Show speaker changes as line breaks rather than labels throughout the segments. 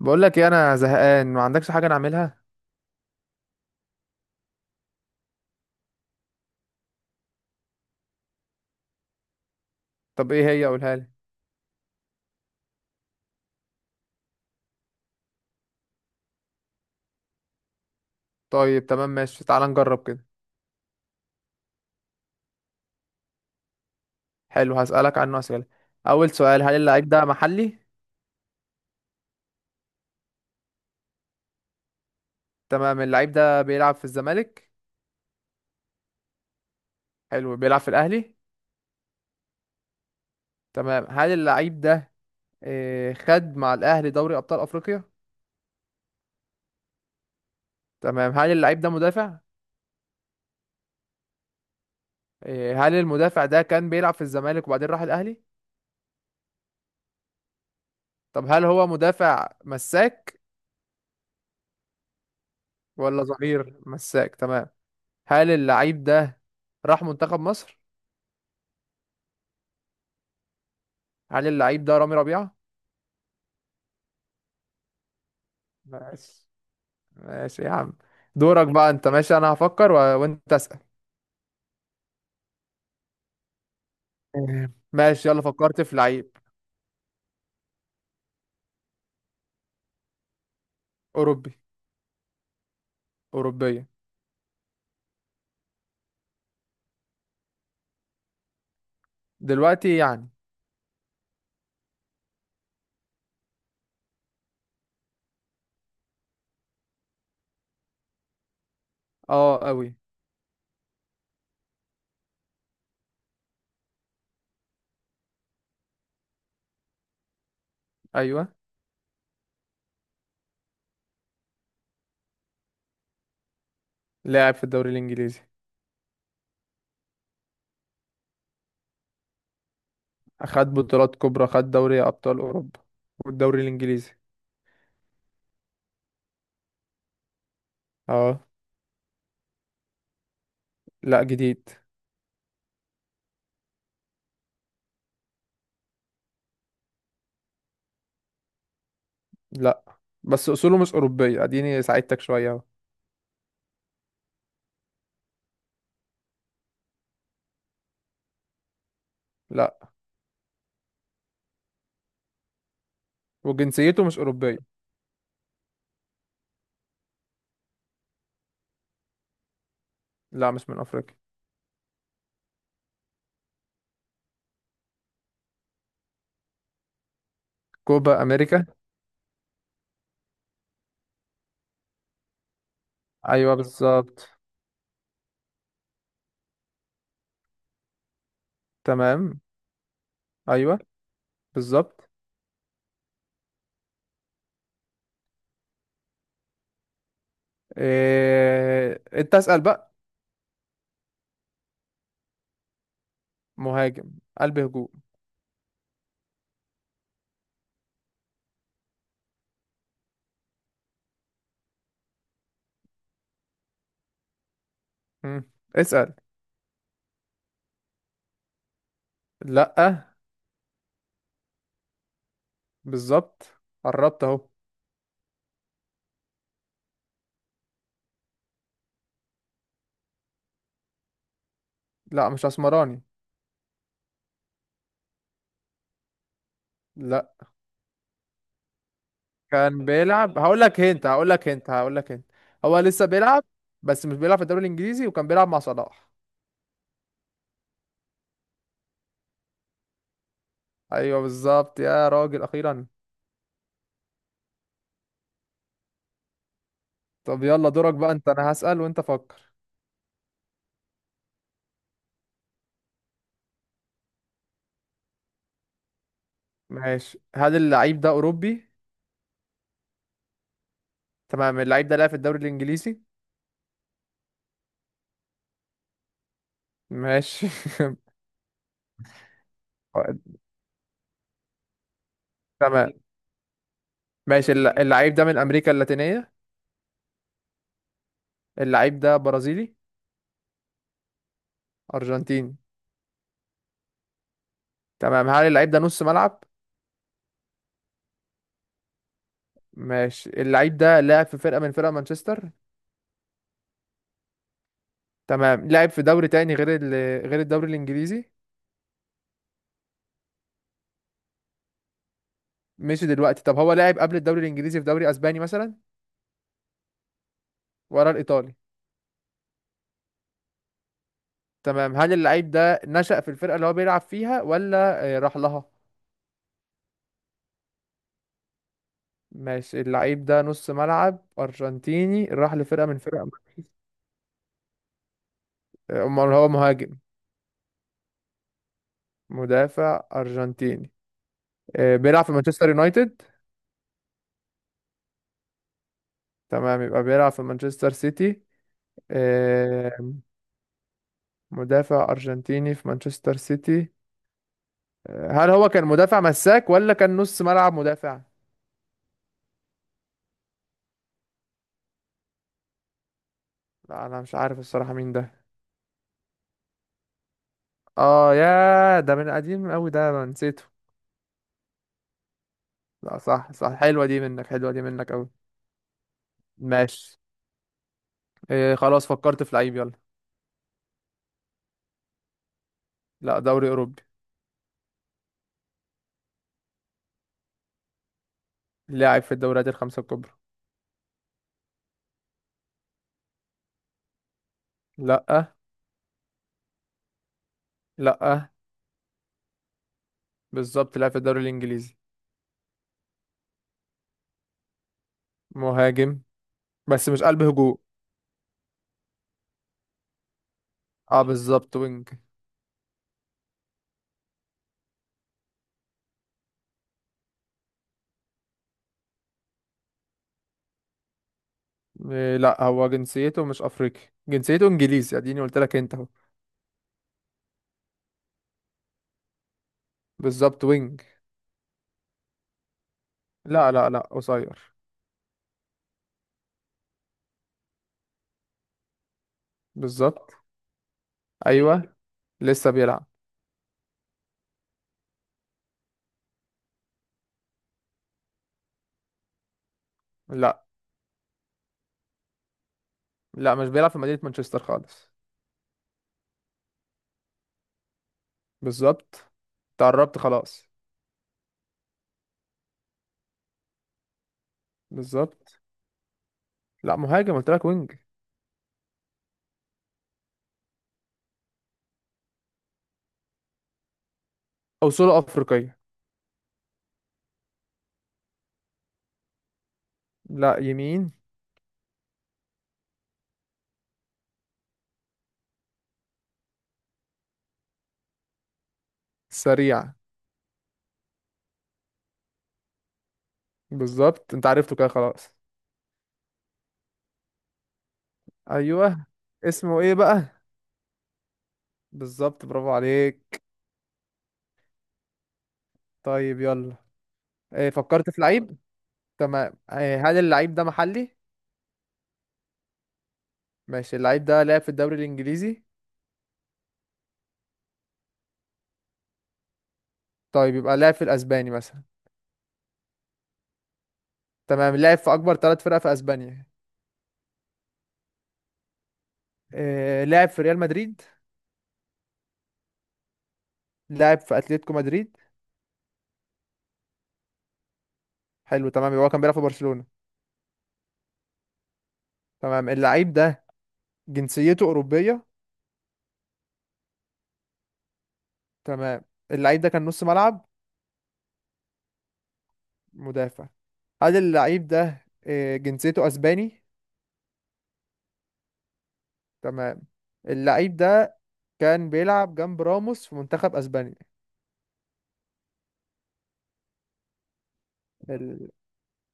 بقول لك ايه، انا زهقان، ما عندكش حاجه نعملها؟ طب ايه هي؟ قولها لي. طيب، تمام، ماشي، تعال نجرب كده. حلو، هسالك عنه اسئله. اول سؤال: هل اللعيب ده محلي؟ تمام. اللعيب ده بيلعب في الزمالك؟ حلو. بيلعب في الاهلي؟ تمام. هل اللعيب ده إيه، خد مع الاهلي دوري ابطال افريقيا؟ تمام. هل اللعيب ده مدافع؟ إيه، هل المدافع ده كان بيلعب في الزمالك وبعدين راح الاهلي؟ طب هل هو مدافع مساك ولا ظهير مساك؟ تمام. هل اللعيب ده راح منتخب مصر؟ هل اللعيب ده رامي ربيعة؟ بس؟ ماشي يا عم. دورك بقى انت. ماشي، انا هفكر وانت اسأل. ماشي، يلا فكرت في لعيب. اوروبي. اوروبية. دلوقتي يعني؟ اه، قوي. ايوه. لاعب في الدوري الانجليزي. خد بطولات كبرى، خد دوري ابطال اوروبا والدوري الانجليزي. اه. لا، جديد. لا. بس اصوله مش اوروبية، اديني ساعدتك شوية اهو. لا، وجنسيته مش اوروبية. لا، مش من افريقيا. كوبا امريكا. ايوه، بالظبط. تمام. ايوه، بالظبط. انت اسأل بقى. مهاجم. قلب هجوم. مم. اسأل. لا. بالظبط، قربت اهو. لا، مش اسمراني. لا. كان بيلعب، هقول لك هنت، هقول لك هنت، هقول لك هنت. هو لسه بيلعب، بس مش بيلعب في الدوري الانجليزي وكان بيلعب مع صلاح. ايوه، بالظبط يا راجل، اخيرا. طب يلا، دورك بقى انت. انا هسأل وانت فكر. ماشي. هل اللعيب ده اوروبي؟ تمام. اللعيب ده لعب في الدوري الانجليزي؟ ماشي. تمام. ماشي. اللعيب ده من امريكا اللاتينية؟ اللعيب ده برازيلي؟ ارجنتيني؟ تمام. هل اللعيب ده نص ملعب؟ ماشي. اللعيب ده لاعب في فرقة من فرق مانشستر؟ تمام. لعب في دوري تاني غير الدوري الانجليزي؟ مش دلوقتي. طب هو لعب قبل الدوري الانجليزي في دوري اسباني مثلا؟ ورا الايطالي؟ تمام. هل اللعيب ده نشأ في الفرقة اللي هو بيلعب فيها ولا راح لها؟ ماشي. اللعيب ده نص ملعب ارجنتيني راح لفرقة من فرق. امال هو مهاجم؟ مدافع ارجنتيني. بيلعب في مانشستر يونايتد؟ تمام، يبقى بيلعب في مانشستر سيتي. آه، مدافع أرجنتيني في مانشستر سيتي. هل هو كان مدافع مساك ولا كان نص ملعب مدافع؟ لا انا مش عارف الصراحة مين ده. اه، يا ده من قديم قوي ده، انا نسيته. لا صح، صح، حلوة دي منك، حلوة دي منك قوي. ماشي. خلاص، فكرت في لعيب، يلا. لا، دوري أوروبي. لاعب في الدوريات الخمسة الكبرى. لا. لا. بالظبط، لاعب في الدوري الإنجليزي. مهاجم، بس مش قلب هجوم. اه، بالظبط وينج. إيه، لا هو جنسيته مش افريقي. جنسيته انجليزي، اديني قلت لك انت اهو. بالظبط، وينج. لا لا لا، قصير. بالظبط. ايوه، لسه بيلعب. لا. لا، مش بيلعب في مدينة مانشستر خالص. بالظبط. تقربت خلاص. بالظبط. لا، مهاجم قلت لك، وينج. اصوله افريقية. لا، يمين. سريع. بالظبط، انت عرفته كده خلاص. ايوه. اسمه ايه بقى؟ بالظبط، برافو عليك. طيب، يلا. إيه، فكرت في لعيب. تمام. هل اللعيب ده محلي؟ ماشي. اللعيب ده لعب في الدوري الانجليزي؟ طيب، يبقى لعب في الاسباني مثلا؟ تمام. لعب في اكبر ثلاث فرق في اسبانيا؟ لعب في ريال مدريد؟ لعب في اتلتيكو مدريد؟ حلو، تمام. يبقى هو كان بيلعب في برشلونة. تمام. اللعيب ده جنسيته اوروبية. تمام. اللعيب ده كان نص ملعب؟ مدافع. هل اللعيب ده جنسيته اسباني؟ تمام. اللعيب ده كان بيلعب جنب راموس في منتخب اسبانيا. ال-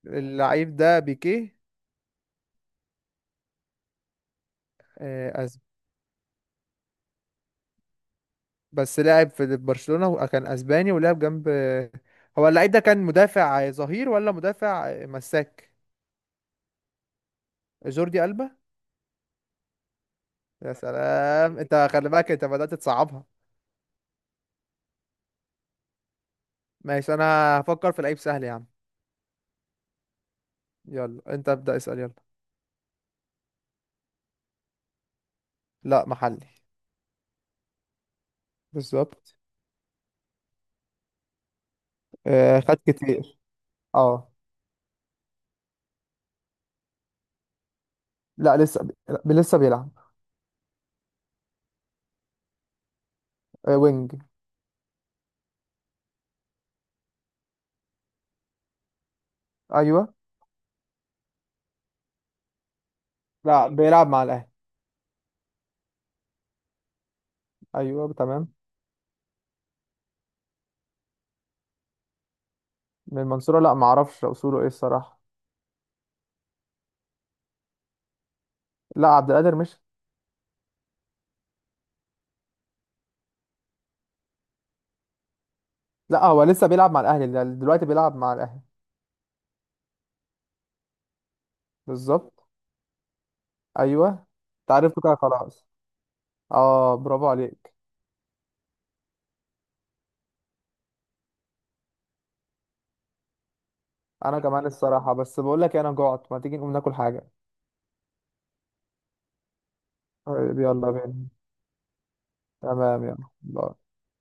اللعيب ده بيكيه؟ بس لعب في برشلونة وكان اسباني ولعب جنب. هو اللعيب ده كان مدافع ظهير ولا مدافع مساك؟ جوردي ألبا. يا سلام، انت خلي بالك، انت بدأت تصعبها. ماشي. انا هفكر في لعيب سهل يا عم. يلا انت ابدأ، اسأل يلا. لا، محلي. بالظبط. خد كتير. اه. لا، لسه. لسه بيلعب. وينج. ايوه. لا، بيلعب مع الاهلي. ايوه، تمام. من المنصورة؟ لا معرفش اصوله ايه الصراحة. لا، عبد القادر مش. لا، هو لسه بيلعب مع الاهلي، ده دلوقتي بيلعب مع الاهلي. بالظبط. ايوه. تعرفته كده خلاص. اه، برافو عليك. انا كمان الصراحه، بس بقول لك إيه، انا جوعت، ما تيجي نقوم ناكل حاجه؟ طيب، يلا بينا. تمام، يلا باي.